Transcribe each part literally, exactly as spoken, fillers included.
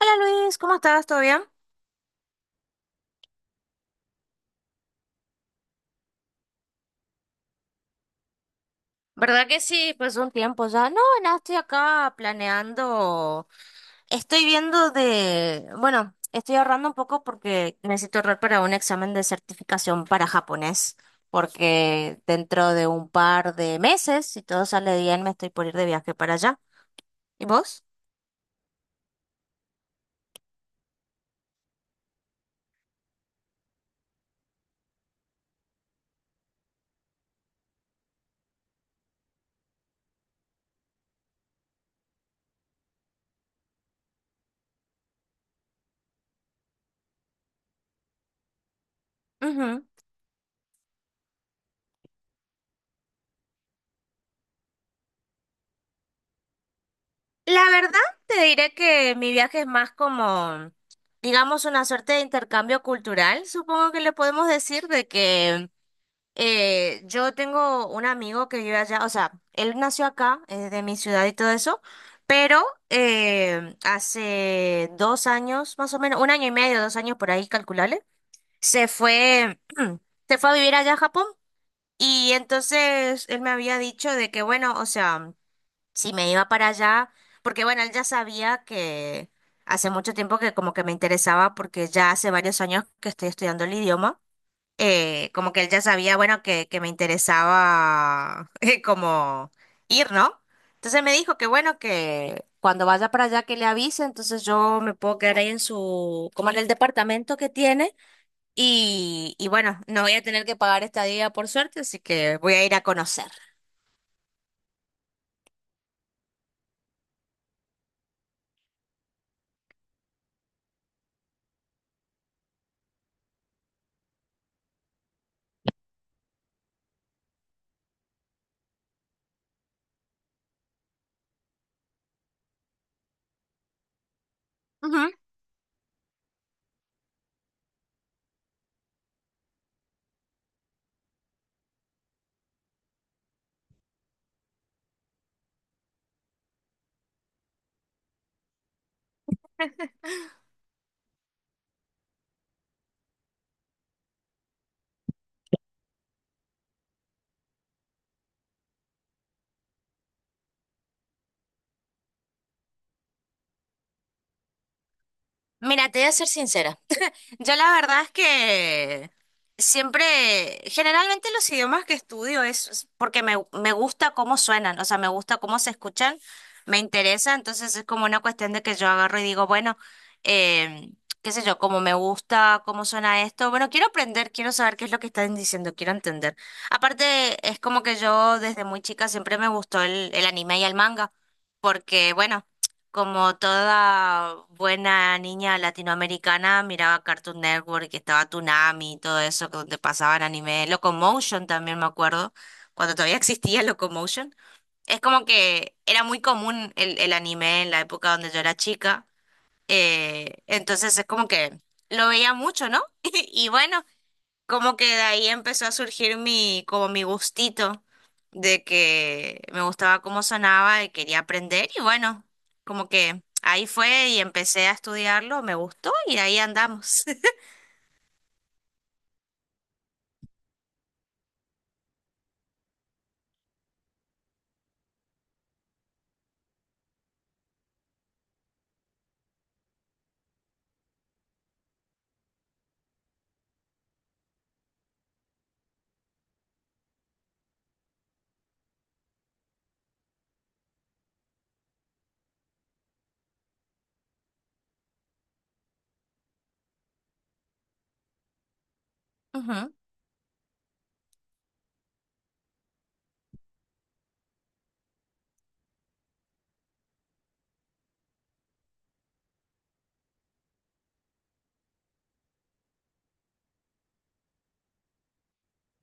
Hola Luis, ¿cómo estás? ¿Todo bien? ¿Verdad que sí? Pues un tiempo ya. No, nada, estoy acá planeando. Estoy viendo de... Bueno, estoy ahorrando un poco porque necesito ahorrar para un examen de certificación para japonés, porque dentro de un par de meses, si todo sale bien, me estoy por ir de viaje para allá. ¿Y vos? Ujú. La verdad, te diré que mi viaje es más como, digamos, una suerte de intercambio cultural, supongo que le podemos decir, de que... Eh, yo tengo un amigo que vive allá, o sea, él nació acá, es de mi ciudad y todo eso, pero eh, hace dos años, más o menos, un año y medio, dos años por ahí, calculable, se fue, se fue a vivir allá a Japón y entonces él me había dicho de que, bueno, o sea, si me iba para allá, porque bueno, él ya sabía que hace mucho tiempo que como que me interesaba porque ya hace varios años que estoy estudiando el idioma eh, como que él ya sabía, bueno, que, que me interesaba eh, como ir, ¿no? Entonces me dijo que bueno, que cuando vaya para allá que le avise, entonces yo me puedo quedar ahí en su, como en el departamento que tiene y, y bueno, no voy a tener que pagar estadía por suerte, así que voy a ir a conocer. Ujú. Mira, te voy a ser sincera. Yo la verdad es que siempre, generalmente los idiomas que estudio es es porque me, me gusta cómo suenan, o sea, me gusta cómo se escuchan, me interesa, entonces es como una cuestión de que yo agarro y digo, bueno, eh, qué sé yo, cómo me gusta, cómo suena esto, bueno, quiero aprender, quiero saber qué es lo que están diciendo, quiero entender. Aparte, es como que yo desde muy chica siempre me gustó el, el anime y el manga, porque bueno. Como toda buena niña latinoamericana, miraba Cartoon Network, que estaba Toonami y todo eso, que donde pasaban anime. Locomotion también me acuerdo, cuando todavía existía Locomotion. Es como que era muy común el, el anime en la época donde yo era chica. Eh, entonces es como que lo veía mucho, ¿no? Y bueno, como que de ahí empezó a surgir mi, como mi gustito de que me gustaba cómo sonaba y quería aprender y bueno, como que ahí fue y empecé a estudiarlo, me gustó y ahí andamos. Ujú,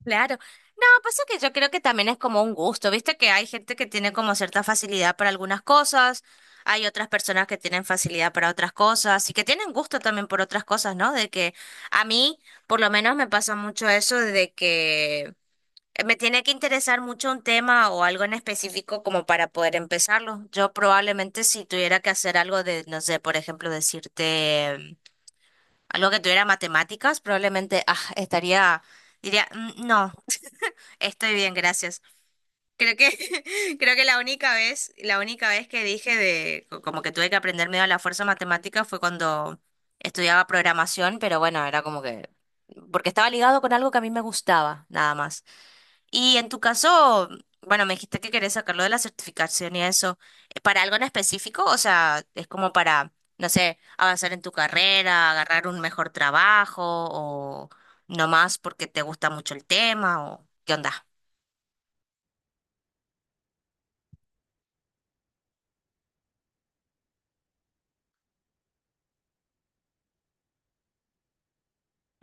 claro. No, pasa que yo creo que también es como un gusto, viste que hay gente que tiene como cierta facilidad para algunas cosas, hay otras personas que tienen facilidad para otras cosas y que tienen gusto también por otras cosas, ¿no? De que a mí por lo menos me pasa mucho eso de que Eh, Me tiene que interesar mucho un tema o algo en específico como para poder empezarlo. Yo probablemente si tuviera que hacer algo de, no sé, por ejemplo, decirte mm, algo que tuviera matemáticas, probablemente ah, estaría, diría, "Mm, no, estoy bien, gracias". Creo que, creo que la única vez, la única vez que dije de, co- como que tuve que aprender medio a la fuerza matemáticas fue cuando estudiaba programación, pero bueno, era como que, porque estaba ligado con algo que a mí me gustaba, nada más. Y en tu caso, bueno, me dijiste que querés sacarlo de la certificación y eso. ¿Eh, ¿Para algo en específico? O sea, es como para, no sé, avanzar en tu carrera, agarrar un mejor trabajo o nomás porque te gusta mucho el tema o qué onda.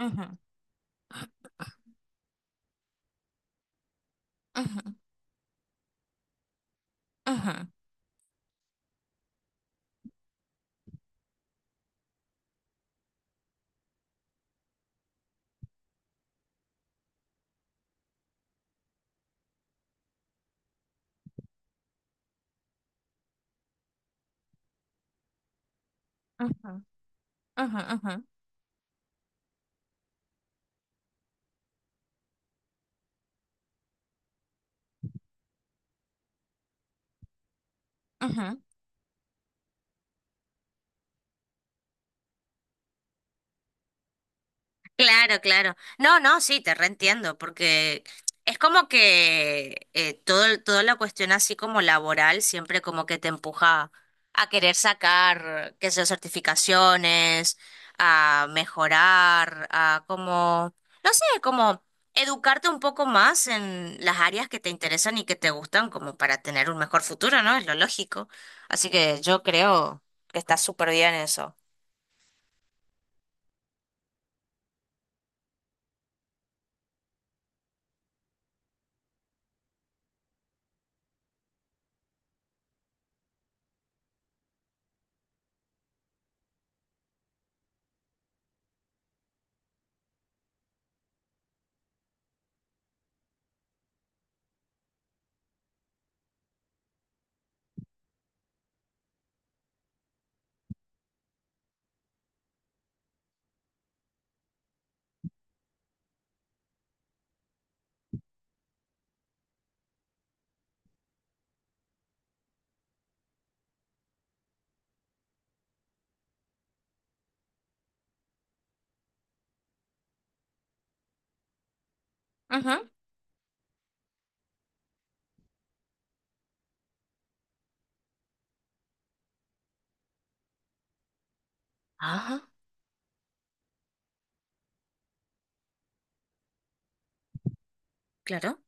Ujú, ujú, ujú, ujú, ujú, ujú, ujú, ujú. Claro, claro. No, no, sí, te reentiendo, porque es como que eh, todo, el- toda la cuestión así como laboral siempre como que te empuja a querer sacar, qué sé yo, certificaciones, a mejorar, a como, no sé, como educarte un poco más en las áreas que te interesan y que te gustan como para tener un mejor futuro, ¿no? Es lo lógico. Así que yo creo que está súper bien eso. Ajá. Ajá, claro.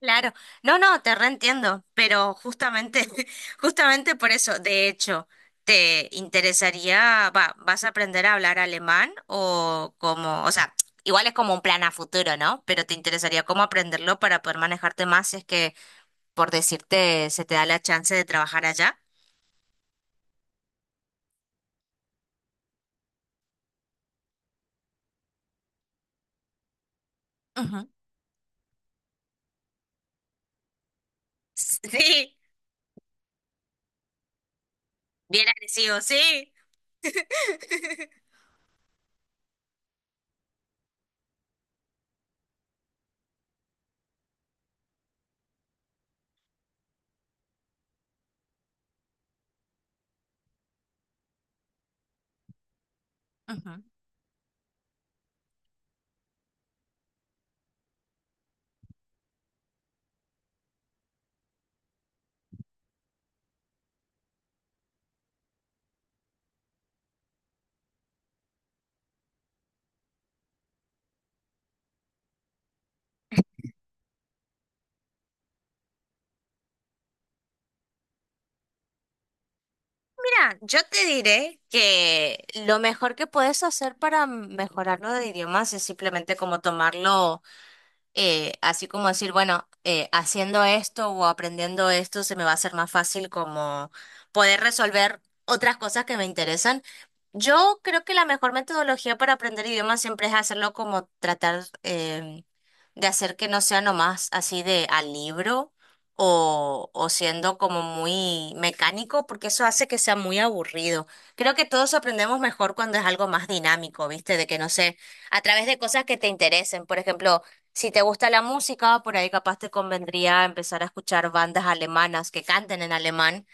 Claro, no, no, te reentiendo, pero justamente, justamente por eso, de hecho, ¿te interesaría, va, vas a aprender a hablar alemán o como, o sea, igual es como un plan a futuro, ¿no? Pero te interesaría cómo aprenderlo para poder manejarte más si es que, por decirte, se te da la chance de trabajar allá. Ujú, sí, bien agresivo, sí. Ujú. Mira, yo te diré que lo mejor que puedes hacer para mejorarlo de idiomas es simplemente como tomarlo. Eh, así como decir, bueno, eh, haciendo esto o aprendiendo esto se me va a hacer más fácil como poder resolver otras cosas que me interesan. Yo creo que la mejor metodología para aprender idiomas siempre es hacerlo como tratar eh, de hacer que no sea nomás así de al libro o, o siendo como muy mecánico, porque eso hace que sea muy aburrido. Creo que todos aprendemos mejor cuando es algo más dinámico, ¿viste? De que no sé, a través de cosas que te interesen. Por ejemplo, si te gusta la música, por ahí capaz te convendría empezar a escuchar bandas alemanas que canten en alemán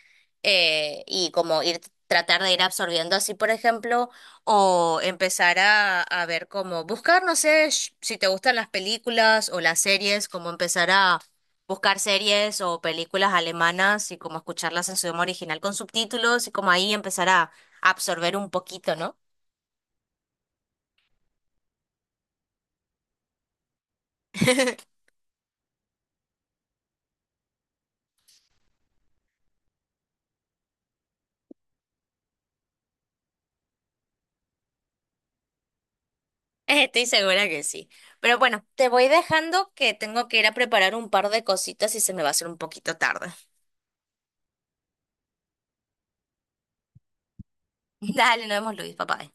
eh, y como ir tratar de ir absorbiendo así, por ejemplo, o empezar a, a ver cómo buscar, no sé, sh- si te gustan las películas o las series, como empezar a buscar series o películas alemanas y como escucharlas en su idioma original con subtítulos y como ahí empezar a absorber un poquito, ¿no? Estoy segura que sí. Pero bueno, te voy dejando que tengo que ir a preparar un par de cositas y se me va a hacer un poquito tarde. Dale, nos vemos, Luis, papá.